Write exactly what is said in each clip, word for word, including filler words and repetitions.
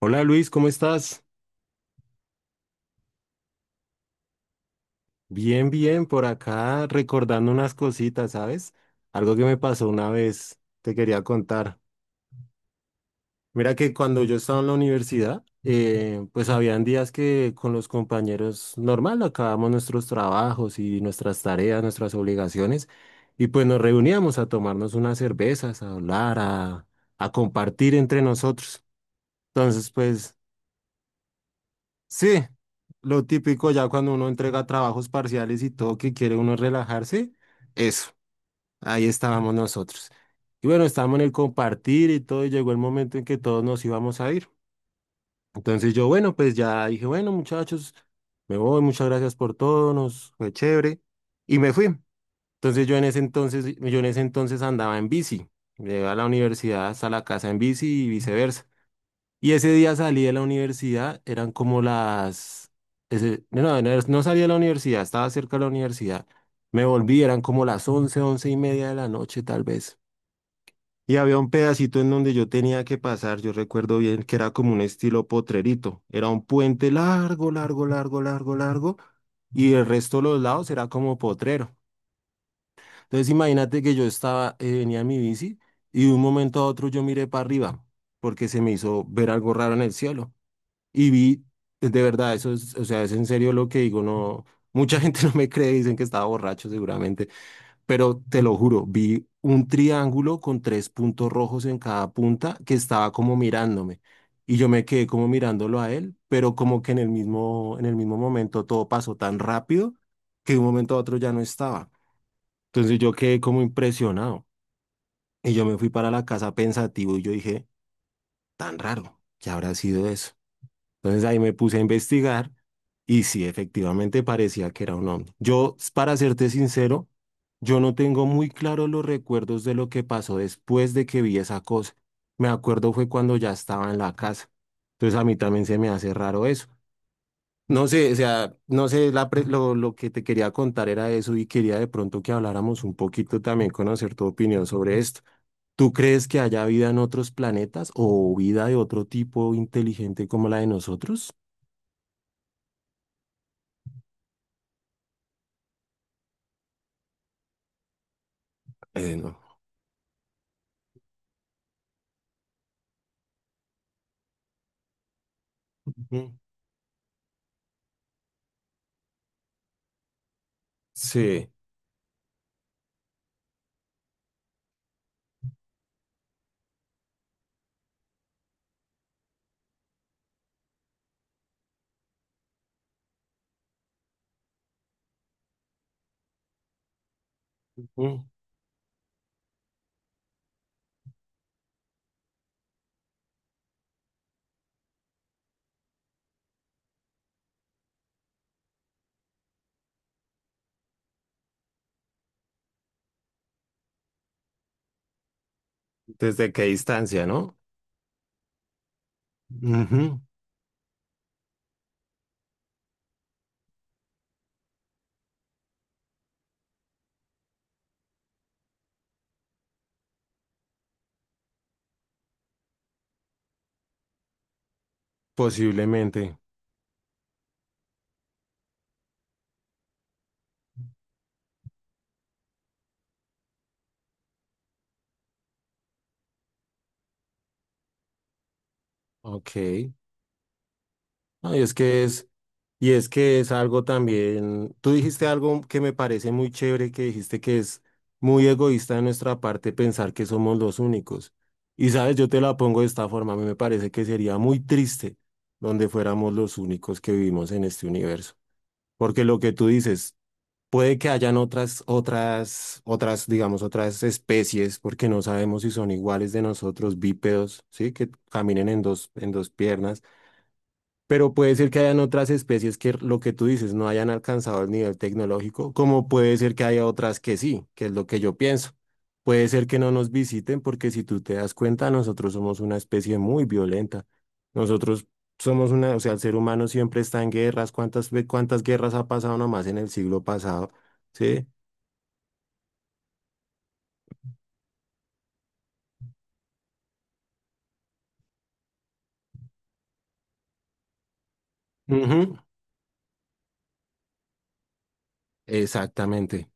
Hola Luis, ¿cómo estás? Bien, bien, por acá recordando unas cositas, ¿sabes? Algo que me pasó una vez, te quería contar. Mira que cuando yo estaba en la universidad, eh, pues habían días que con los compañeros normal acabamos nuestros trabajos y nuestras tareas, nuestras obligaciones, y pues nos reuníamos a tomarnos unas cervezas, a hablar, a, a compartir entre nosotros. Entonces, pues, sí, lo típico ya cuando uno entrega trabajos parciales y todo que quiere uno relajarse, eso, ahí estábamos nosotros. Y bueno, estábamos en el compartir y todo, y llegó el momento en que todos nos íbamos a ir. Entonces yo, bueno, pues ya dije, bueno, muchachos, me voy, muchas gracias por todo, nos fue chévere, y me fui. Entonces yo en ese entonces, yo en ese entonces andaba en bici, llegué a la universidad hasta la casa en bici y viceversa. Y ese día salí de la universidad, eran como las... ese- no, no, no no salí de la universidad, estaba cerca de la universidad. Me volví, eran como las once once y media de la noche tal vez. Y había un pedacito en donde yo tenía que pasar, yo recuerdo bien que era como un estilo potrerito. Era un puente largo, largo, largo, largo, largo. Y el resto de los lados era como potrero. Entonces imagínate que yo estaba, eh, venía en mi bici y de un momento a otro yo miré para arriba porque se me hizo ver algo raro en el cielo y vi, de verdad, eso es, o sea, es en serio lo que digo, no, mucha gente no me cree, dicen que estaba borracho seguramente, pero te lo juro, vi un triángulo con tres puntos rojos en cada punta que estaba como mirándome y yo me quedé como mirándolo a él, pero como que en el mismo, en el mismo momento todo pasó tan rápido que de un momento a otro ya no estaba. Entonces yo quedé como impresionado y yo me fui para la casa pensativo y yo dije, tan raro, ¿qué habrá sido eso? Entonces ahí me puse a investigar y sí, efectivamente parecía que era un ovni. Yo, para serte sincero, yo no tengo muy claro los recuerdos de lo que pasó después de que vi esa cosa. Me acuerdo fue cuando ya estaba en la casa. Entonces a mí también se me hace raro eso. No sé, o sea, no sé, la pre- lo, lo, que te quería contar era eso y quería de pronto que habláramos un poquito también, conocer tu opinión sobre esto. ¿Tú crees que haya vida en otros planetas o vida de otro tipo inteligente como la de nosotros? Eh, no. Ujú. Sí. Ujú. ¿Desde qué distancia, no? Ujú. Posiblemente. Ok. No, y es que es, y es que es algo también. Tú dijiste algo que me parece muy chévere, que dijiste que es muy egoísta de nuestra parte pensar que somos los únicos. Y sabes, yo te la pongo de esta forma, a mí me parece que sería muy triste donde fuéramos los únicos que vivimos en este universo. Porque lo que tú dices, puede que hayan otras, otras, otras, digamos, otras especies, porque no sabemos si son iguales de nosotros, bípedos, ¿sí? Que caminen en dos, en dos piernas. Pero puede ser que hayan otras especies que lo que tú dices no hayan alcanzado el nivel tecnológico, como puede ser que haya otras que sí, que es lo que yo pienso. Puede ser que no nos visiten porque si tú te das cuenta, nosotros somos una especie muy violenta. Nosotros somos una, o sea, el ser humano siempre está en guerras. ¿Cuántas, ve- cuántas guerras ha pasado nomás en el siglo pasado? ¿Sí? Ujú. Exactamente.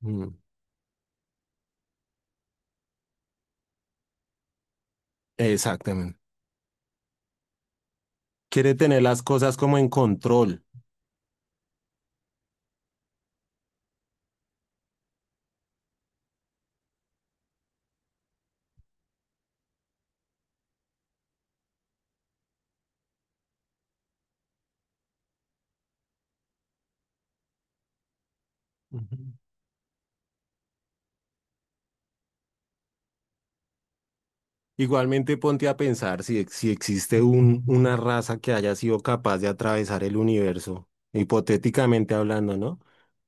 Mm. Exactamente. Quiere tener las cosas como en control. Ujú. Igualmente ponte a pensar si, ex- si existe un, una raza que haya sido capaz de atravesar el universo, hipotéticamente hablando, ¿no?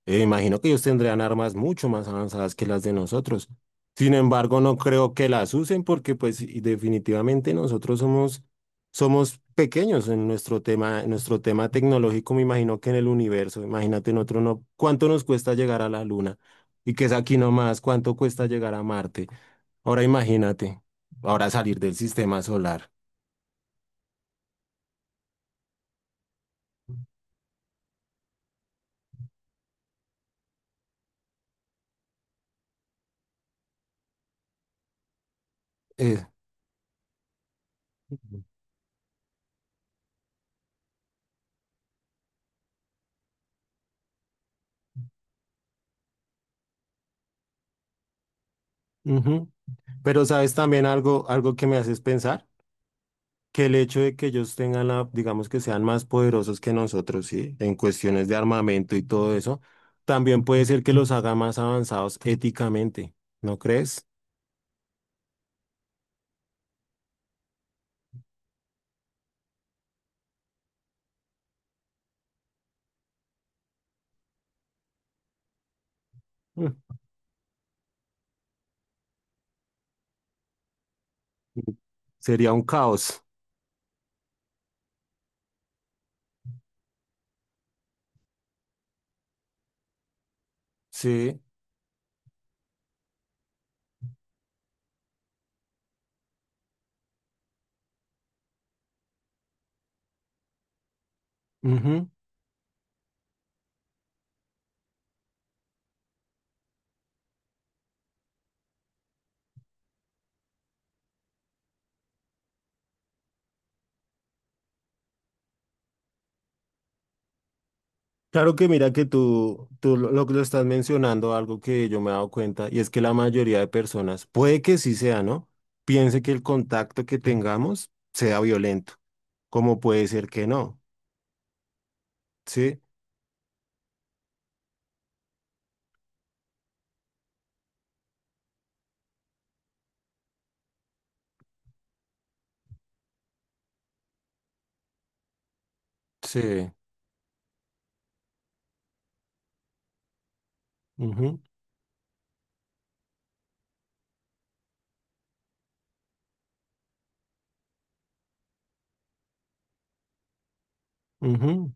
Eh, imagino que ellos tendrían armas mucho más avanzadas que las de nosotros. Sin embargo, no creo que las usen porque, pues, y definitivamente nosotros somos, somos pequeños en nuestro tema, en nuestro tema tecnológico. Me imagino que en el universo, imagínate, nosotros no, ¿cuánto nos cuesta llegar a la Luna? Y que es aquí nomás, ¿cuánto cuesta llegar a Marte? Ahora imagínate, ahora salir del sistema solar. Eh, Ujú. Pero sabes también algo, algo que me haces pensar, que el hecho de que ellos tengan la, digamos que sean más poderosos que nosotros, ¿sí? En cuestiones de armamento y todo eso, también puede ser que los haga más avanzados éticamente, ¿no crees? Mm. Sería un caos, ¿sí? Ujú. Claro que mira que tú, tú lo, lo que lo estás mencionando, algo que yo me he dado cuenta, y es que la mayoría de personas, puede que sí sea, ¿no? Piense que el contacto que tengamos sea violento, como puede ser que no, ¿sí? Sí. Ujú, ujú.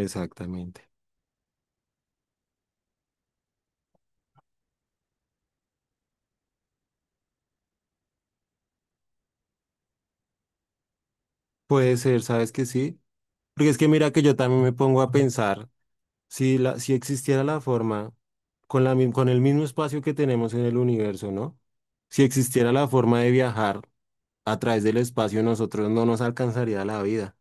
Exactamente. Puede ser, ¿sabes que sí? Porque es que mira que yo también me pongo a pensar si la, si existiera la forma con la, mi- con el mismo espacio que tenemos en el universo, ¿no? Si existiera la forma de viajar a través del espacio, nosotros no nos alcanzaría la vida.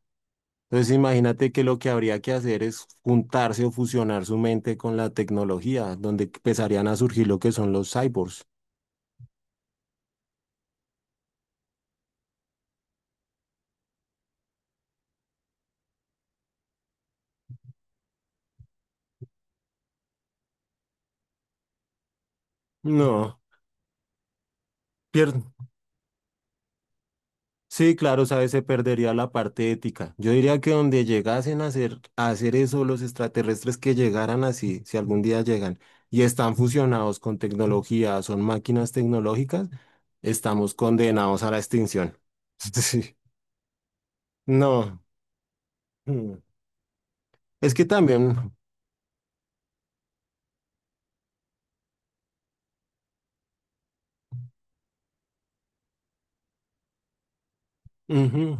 Entonces imagínate que lo que habría que hacer es juntarse o fusionar su mente con la tecnología, donde empezarían a surgir lo que son los cyborgs. No, pierdo. Sí, claro, sabes, se perdería la parte ética. Yo diría que donde llegasen a hacer, a hacer eso los extraterrestres que llegaran así, si algún día llegan y están fusionados con tecnología, son máquinas tecnológicas, estamos condenados a la extinción. Sí, no. Mm. Es que también, ujú,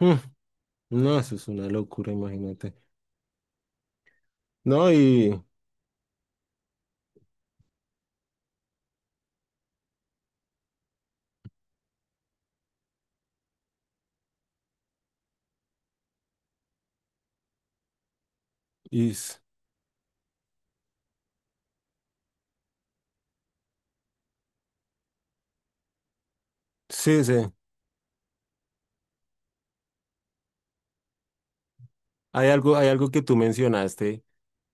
mm, no, eso es una locura, imagínate. No, y, y s- sí, sí. Hay algo, hay algo que tú mencionaste.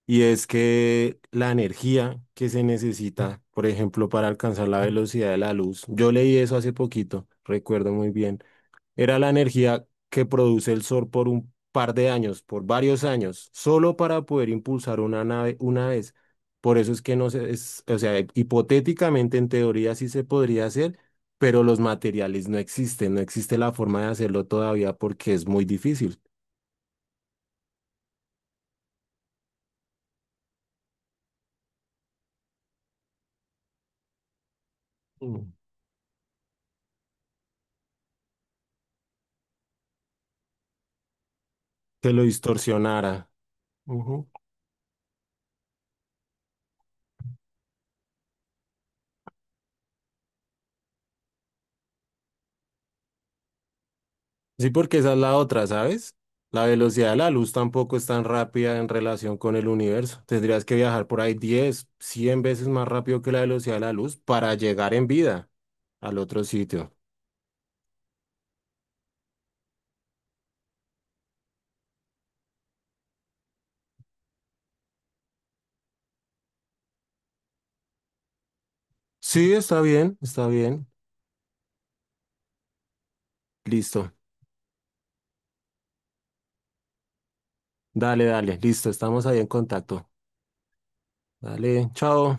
Y es que la energía que se necesita, por ejemplo, para alcanzar la velocidad de la luz, yo leí eso hace poquito, recuerdo muy bien, era la energía que produce el Sol por un par de años, por varios años, solo para poder impulsar una nave una vez. Por eso es que no se, es, o sea, hipotéticamente en teoría sí se podría hacer, pero los materiales no existen, no existe la forma de hacerlo todavía porque es muy difícil. Mm. Que lo distorsionara. Sí, porque esa es la otra, ¿sabes? La velocidad de la luz tampoco es tan rápida en relación con el universo. Tendrías que viajar por ahí diez, cien veces más rápido que la velocidad de la luz para llegar en vida al otro sitio. Sí, está bien, está bien. Listo. Dale, dale, listo. Estamos ahí en contacto. Dale, chao.